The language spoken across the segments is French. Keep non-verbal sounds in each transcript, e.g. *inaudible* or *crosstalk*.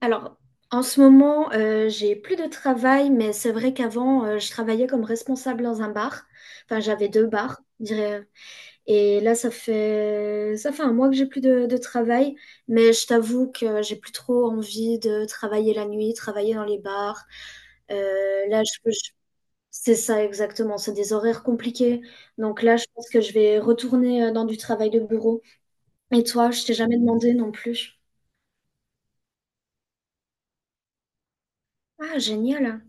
Alors, en ce moment, j'ai plus de travail, mais c'est vrai qu'avant, je travaillais comme responsable dans un bar. Enfin, j'avais deux bars, je dirais. Et là, ça fait un mois que j'ai plus de travail, mais je t'avoue que j'ai plus trop envie de travailler la nuit, travailler dans les bars. Là, c'est ça exactement. C'est des horaires compliqués. Donc là, je pense que je vais retourner dans du travail de bureau. Et toi, je t'ai jamais demandé non plus. Ah, génial.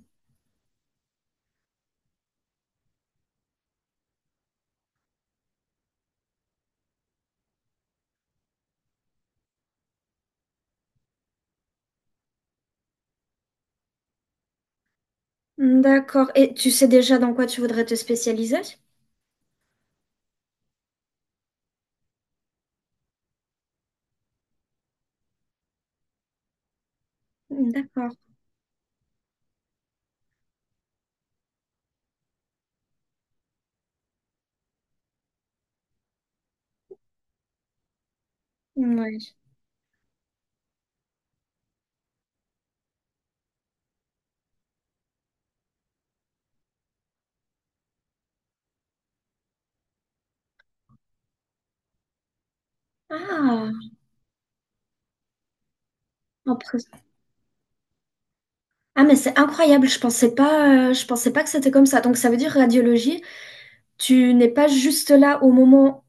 D'accord. Et tu sais déjà dans quoi tu voudrais te spécialiser? D'accord. Ouais. Ah, en pres- Ah, mais c'est incroyable. Je pensais pas que c'était comme ça. Donc ça veut dire radiologie. Tu n'es pas juste là au moment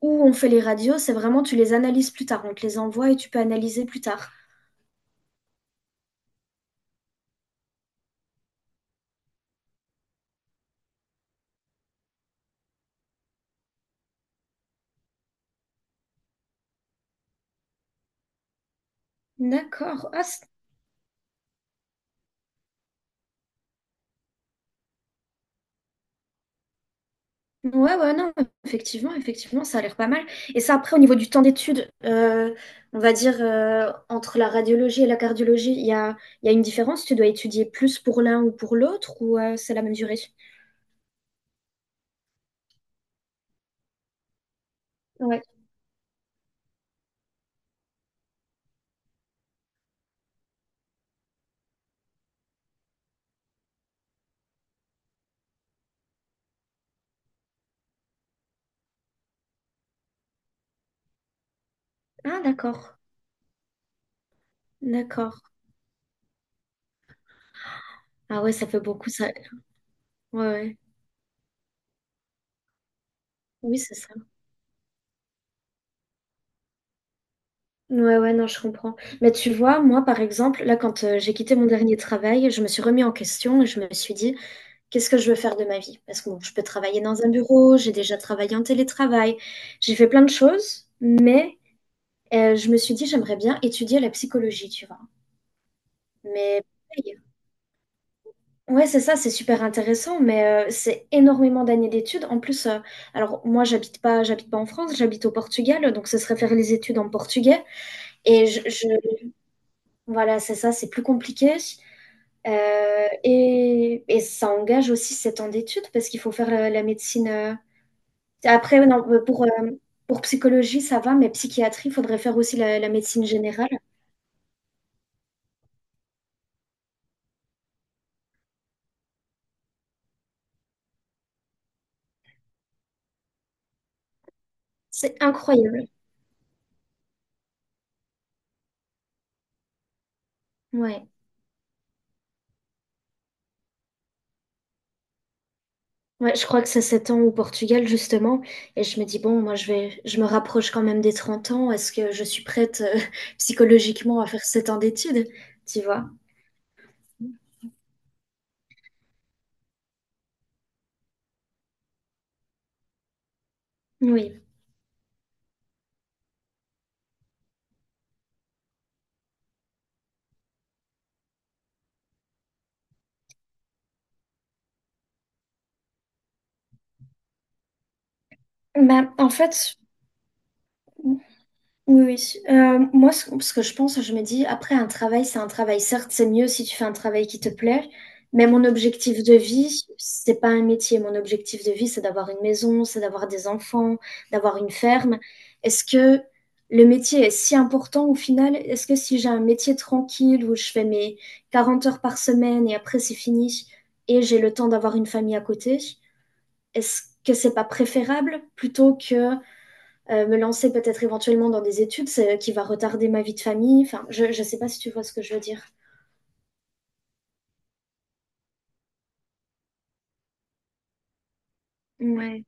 où on fait les radios. C'est vraiment tu les analyses plus tard. On te les envoie et tu peux analyser plus tard. D'accord. Ouais, ouais, non, effectivement, effectivement, ça a l'air pas mal. Et ça, après, au niveau du temps d'étude, on va dire, entre la radiologie et la cardiologie, il y a une différence? Tu dois étudier plus pour l'un ou pour l'autre, ou c'est la même durée? Ouais. Ah, d'accord, d'accord. Ah ouais, ça fait beaucoup, ça. Ouais, ouais. Oui, c'est ça. Ouais, ouais, non, je comprends. Mais tu vois, moi, par exemple, là, quand j'ai quitté mon dernier travail, je me suis remis en question et je me suis dit: qu'est-ce que je veux faire de ma vie? Parce que bon, je peux travailler dans un bureau, j'ai déjà travaillé en télétravail, j'ai fait plein de choses, mais je me suis dit: «J'aimerais bien étudier la psychologie», tu vois? Mais pareil, ouais, c'est ça, c'est super intéressant, mais c'est énormément d'années d'études. En plus, alors moi, j'habite pas en France, j'habite au Portugal, donc ce serait faire les études en portugais, et je voilà, c'est ça, c'est plus compliqué, et ça engage aussi 7 ans d'études parce qu'il faut faire, la médecine, après, ouais, non, pour psychologie, ça va, mais psychiatrie, il faudrait faire aussi la médecine générale. C'est incroyable. Ouais. Ouais, je crois que c'est 7 ans au Portugal, justement. Et je me dis, bon, moi, je me rapproche quand même des 30 ans. Est-ce que je suis prête, *laughs* psychologiquement à faire 7 ans d'études? Tu vois? Oui. Bah, en fait, oui, oui. Moi, ce que je pense, je me dis, après, un travail, c'est un travail. Certes, c'est mieux si tu fais un travail qui te plaît, mais mon objectif de vie, c'est pas un métier. Mon objectif de vie, c'est d'avoir une maison, c'est d'avoir des enfants, d'avoir une ferme. Est-ce que le métier est si important au final? Est-ce que si j'ai un métier tranquille où je fais mes 40 heures par semaine et après c'est fini et j'ai le temps d'avoir une famille à côté, est-ce que c'est pas préférable plutôt que me lancer peut-être éventuellement dans des études qui va retarder ma vie de famille. Enfin, je ne sais pas si tu vois ce que je veux dire. Ouais.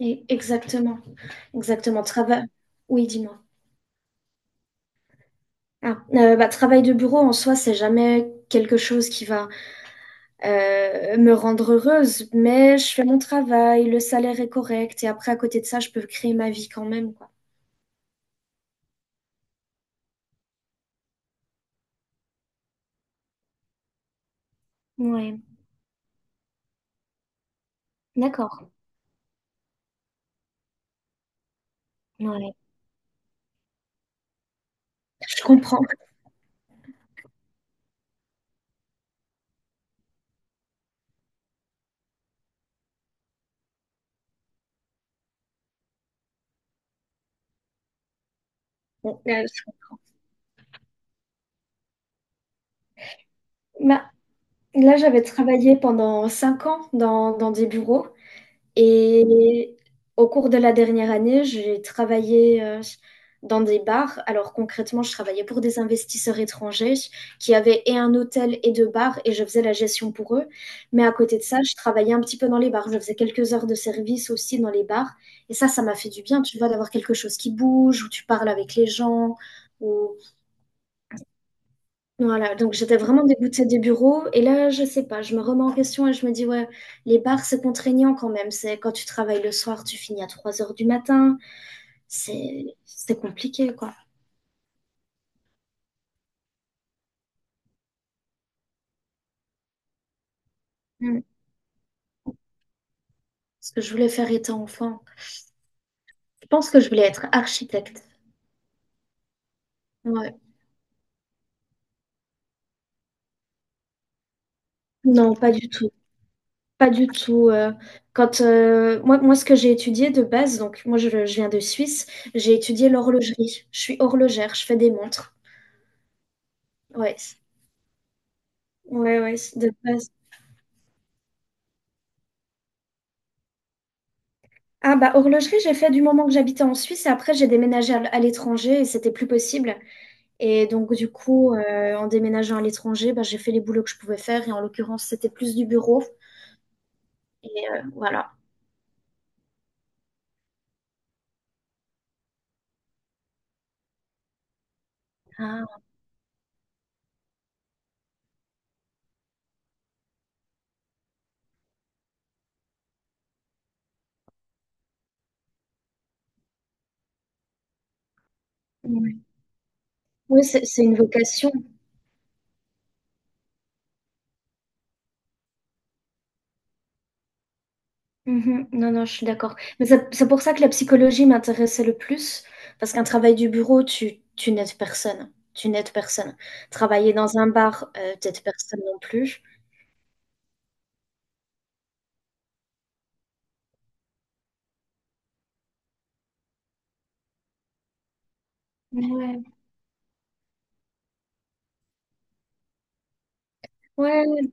Exactement, exactement. Travail. Oui, dis-moi. Ah, bah, travail de bureau en soi, c'est jamais quelque chose qui va me rendre heureuse, mais je fais mon travail, le salaire est correct, et après, à côté de ça, je peux créer ma vie quand même, quoi. Ouais. D'accord. Ouais. Je comprends. Bon, bah, là, j'avais travaillé pendant 5 ans dans des bureaux. Et au cours de la dernière année, j'ai travaillé dans des bars. Alors concrètement, je travaillais pour des investisseurs étrangers qui avaient et un hôtel et deux bars, et je faisais la gestion pour eux. Mais à côté de ça, je travaillais un petit peu dans les bars. Je faisais quelques heures de service aussi dans les bars. Et ça m'a fait du bien, tu vois, d'avoir quelque chose qui bouge, où tu parles avec les gens, où voilà, donc j'étais vraiment dégoûtée des bureaux. Et là, je sais pas, je me remets en question et je me dis, ouais, les bars, c'est contraignant quand même. C'est quand tu travailles le soir, tu finis à 3 heures du matin. C'est compliqué, quoi. Mm. Ce que je voulais faire étant enfant. Je pense que je voulais être architecte. Ouais. Non, pas du tout. Pas du tout. Quand Moi, moi, ce que j'ai étudié de base, donc moi, je viens de Suisse, j'ai étudié l'horlogerie. Je suis horlogère, je fais des montres. Ouais, ouais, ouais, de base. Ah bah horlogerie, j'ai fait du moment que j'habitais en Suisse et après j'ai déménagé à l'étranger et c'était plus possible. Et donc du coup, en déménageant à l'étranger, bah, j'ai fait les boulots que je pouvais faire et en l'occurrence c'était plus du bureau. Et voilà. Ah, oui, oui, c'est une vocation. Mhm. Non, non, je suis d'accord. Mais c'est pour ça que la psychologie m'intéressait le plus, parce qu'un travail du bureau, tu n'aides personne. Tu n'aides personne. Travailler dans un bar, t'aides personne non plus. Ouais, ouais,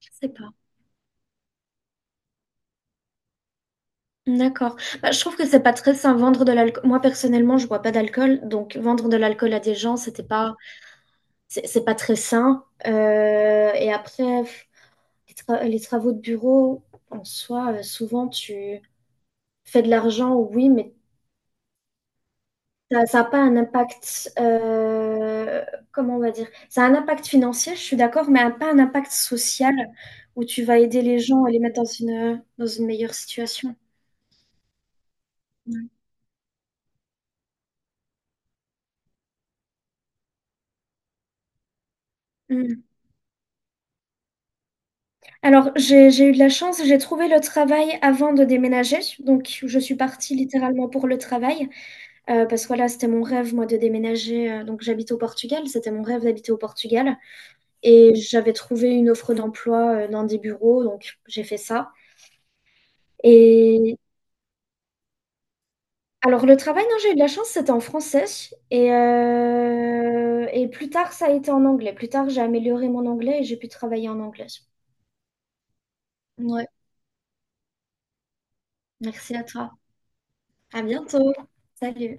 je sais pas. D'accord. Bah, je trouve que c'est pas très sain vendre de l'alcool. Moi personnellement je bois pas d'alcool, donc vendre de l'alcool à des gens, c'est pas très sain, et après f les tra les travaux de bureau en soi, souvent tu fais de l'argent, oui, mais ça ça a pas un impact, comment on va dire? Ça a un impact financier, je suis d'accord, mais un pas un impact social où tu vas aider les gens et les mettre dans une meilleure situation. Mmh. Mmh. Alors, j'ai eu de la chance, j'ai trouvé le travail avant de déménager. Donc, je suis partie littéralement pour le travail. Parce que voilà, c'était mon rêve, moi, de déménager. Donc, j'habite au Portugal, c'était mon rêve d'habiter au Portugal. Et j'avais trouvé une offre d'emploi dans des bureaux, donc j'ai fait ça. Et alors, le travail, non, j'ai eu de la chance, c'était en français. Et plus tard, ça a été en anglais. Plus tard, j'ai amélioré mon anglais et j'ai pu travailler en anglais. Ouais, merci à toi. À bientôt. Salut.